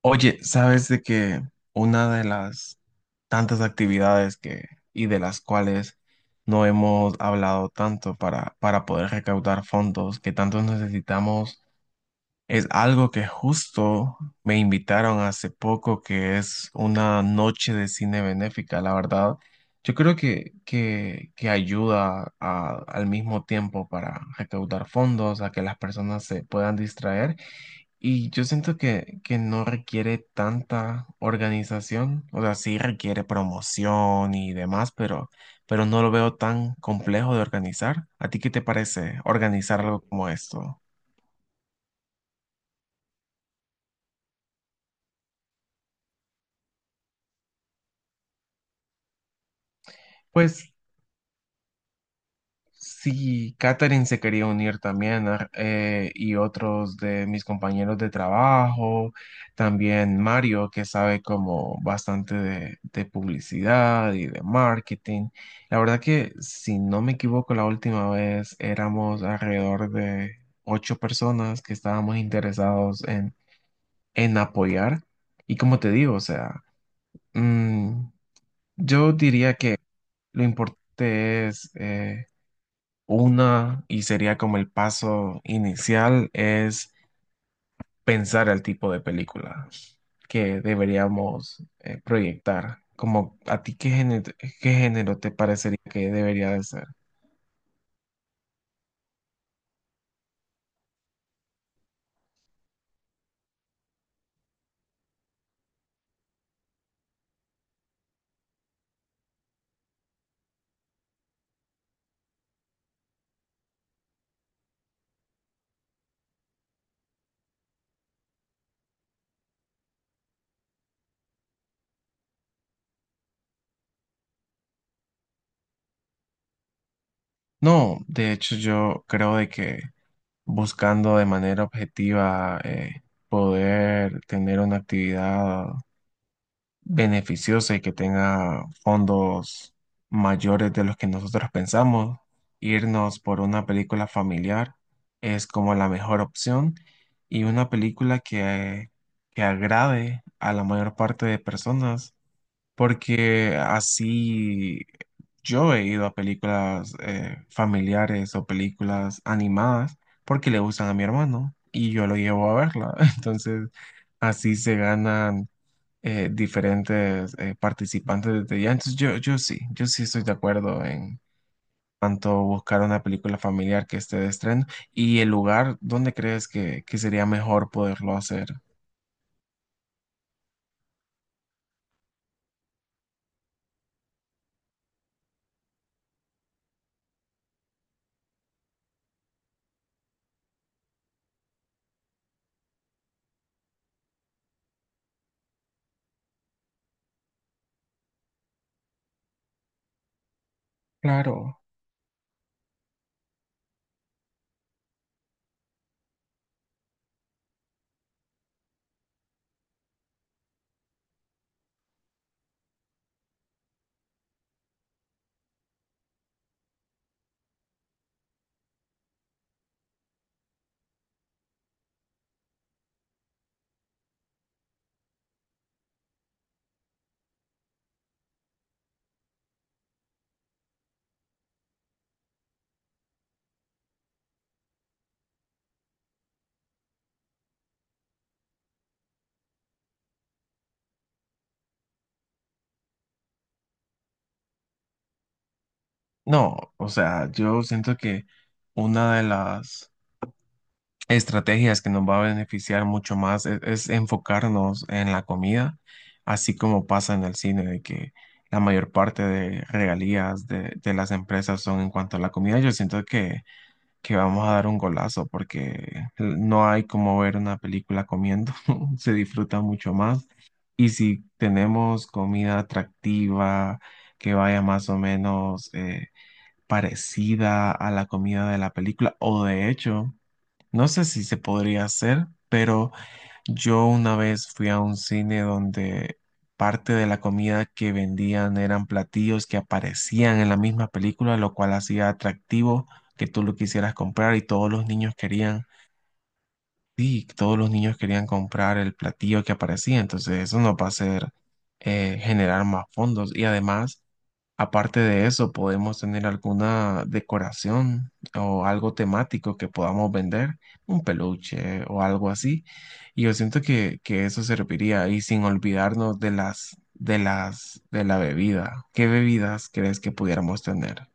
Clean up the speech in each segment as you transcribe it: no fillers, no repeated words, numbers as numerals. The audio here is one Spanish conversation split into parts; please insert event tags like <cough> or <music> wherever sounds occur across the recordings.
Oye, ¿sabes de que una de las tantas actividades que y de las cuales no hemos hablado tanto para poder recaudar fondos que tanto necesitamos es algo que justo me invitaron hace poco, que es una noche de cine benéfica, la verdad. Yo creo que ayuda a- al mismo tiempo para recaudar fondos, a que las personas se puedan distraer y yo siento que no requiere tanta organización, o sea, sí requiere promoción y demás, pero no lo veo tan complejo de organizar. ¿A ti qué te parece organizar algo como esto? Pues sí, Katherine se quería unir también y otros de mis compañeros de trabajo, también Mario, que sabe como bastante de publicidad y de marketing. La verdad que, si no me equivoco, la última vez éramos alrededor de ocho personas que estábamos interesados en apoyar. Y como te digo, o sea, mm, yo diría que lo importante es... una, y sería como el paso inicial, es pensar el tipo de película que deberíamos proyectar. Como a ti, ¿qué género te parecería que debería de ser? No, de hecho yo creo de que buscando de manera objetiva poder tener una actividad beneficiosa y que tenga fondos mayores de los que nosotros pensamos. Irnos por una película familiar es como la mejor opción y una película que agrade a la mayor parte de personas, porque así yo he ido a películas familiares o películas animadas porque le gustan a mi hermano y yo lo llevo a verla. <laughs> Entonces, así se ganan diferentes participantes de ya. Entonces yo sí estoy de acuerdo en tanto buscar una película familiar que esté de estreno y el lugar donde crees que sería mejor poderlo hacer. Claro. No, o sea, yo siento que una de las estrategias que nos va a beneficiar mucho más es enfocarnos en la comida, así como pasa en el cine, de que la mayor parte de regalías de las empresas son en cuanto a la comida. Yo siento que vamos a dar un golazo porque no hay como ver una película comiendo, <laughs> se disfruta mucho más. Y si tenemos comida atractiva, que vaya más o menos parecida a la comida de la película, o de hecho, no sé si se podría hacer, pero yo una vez fui a un cine donde parte de la comida que vendían eran platillos que aparecían en la misma película, lo cual hacía atractivo que tú lo quisieras comprar y todos los niños querían, sí, todos los niños querían comprar el platillo que aparecía, entonces eso nos va a hacer generar más fondos y además aparte de eso, podemos tener alguna decoración o algo temático que podamos vender, un peluche o algo así. Y yo siento que eso serviría. Y sin olvidarnos de de la bebida. ¿Qué bebidas crees que pudiéramos tener?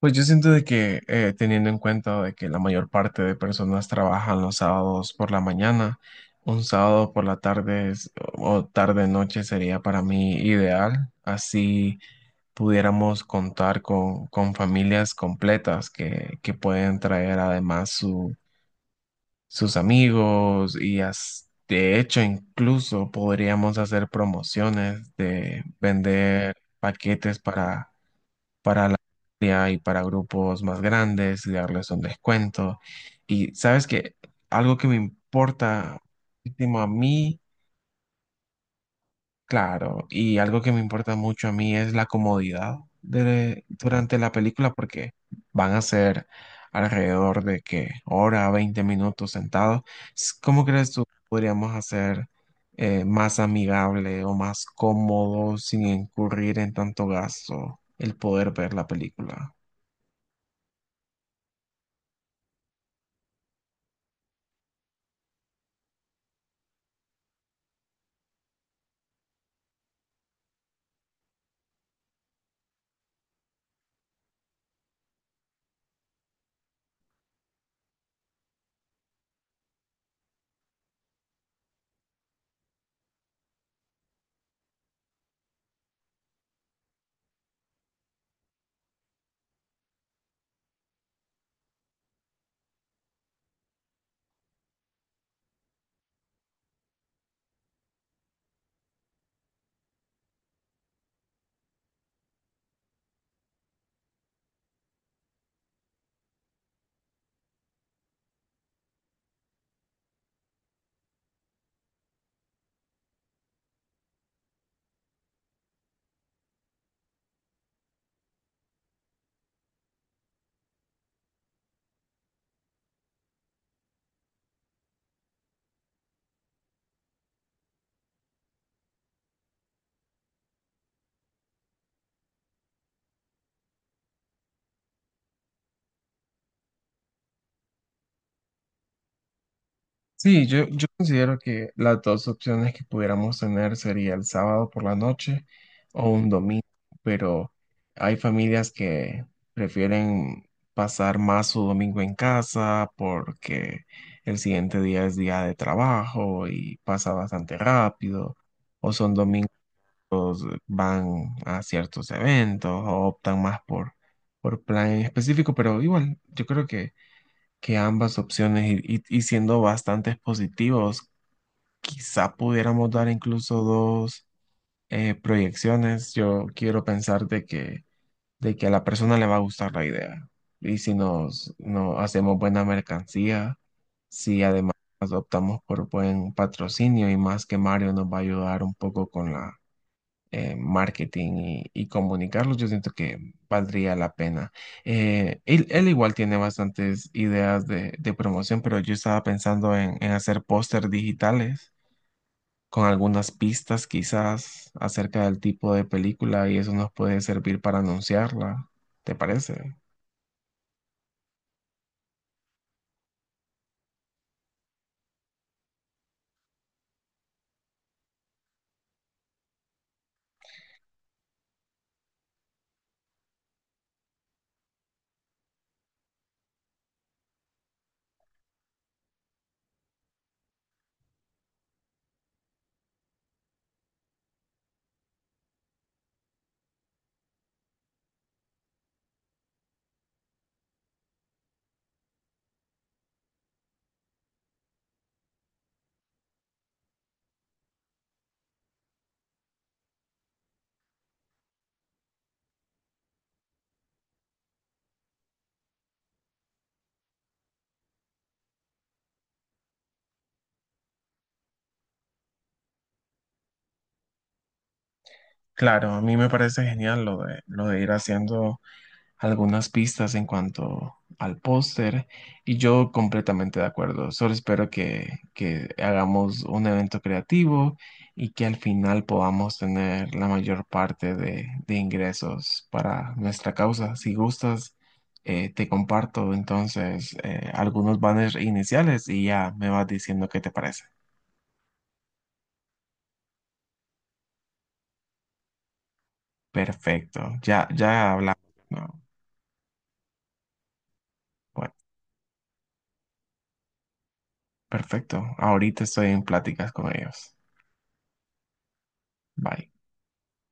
Pues yo siento de que teniendo en cuenta de que la mayor parte de personas trabajan los sábados por la mañana, un sábado por la tarde es- o tarde noche sería para mí ideal. Así pudiéramos contar con familias completas que pueden traer además su- sus amigos y as- de hecho incluso podríamos hacer promociones de vender paquetes para día y para grupos más grandes y darles un descuento. Y sabes que algo que me importa muchísimo a mí claro, y algo que me importa mucho a mí es la comodidad de, durante la película porque van a ser alrededor de que hora, 20 minutos sentados. S- ¿Cómo crees tú podríamos hacer más amigable o más cómodo sin incurrir en tanto gasto el poder ver la película? Sí, yo considero que las dos opciones que pudiéramos tener sería el sábado por la noche o un domingo, pero hay familias que prefieren pasar más su domingo en casa porque el siguiente día es día de trabajo y pasa bastante rápido, o son domingos que van a ciertos eventos o optan más por plan en específico, pero igual, yo creo que ambas opciones y siendo bastante positivos quizá pudiéramos dar incluso dos proyecciones. Yo quiero pensar de que a la persona le va a gustar la idea. Y si nos, no hacemos buena mercancía, si además optamos por buen patrocinio y más que Mario nos va a ayudar un poco con la marketing y comunicarlos, yo siento que valdría la pena. Él igual tiene bastantes ideas de promoción, pero yo estaba pensando en hacer póster digitales con algunas pistas quizás acerca del tipo de película y eso nos puede servir para anunciarla. ¿Te parece? Claro, a mí me parece genial lo de ir haciendo algunas pistas en cuanto al póster y yo completamente de acuerdo. Solo espero que hagamos un evento creativo y que al final podamos tener la mayor parte de ingresos para nuestra causa. Si gustas, te comparto entonces algunos banners iniciales y ya me vas diciendo qué te parece. Perfecto, ya hablamos. ¿No? Bueno, perfecto. Ahorita estoy en pláticas con ellos. Bye.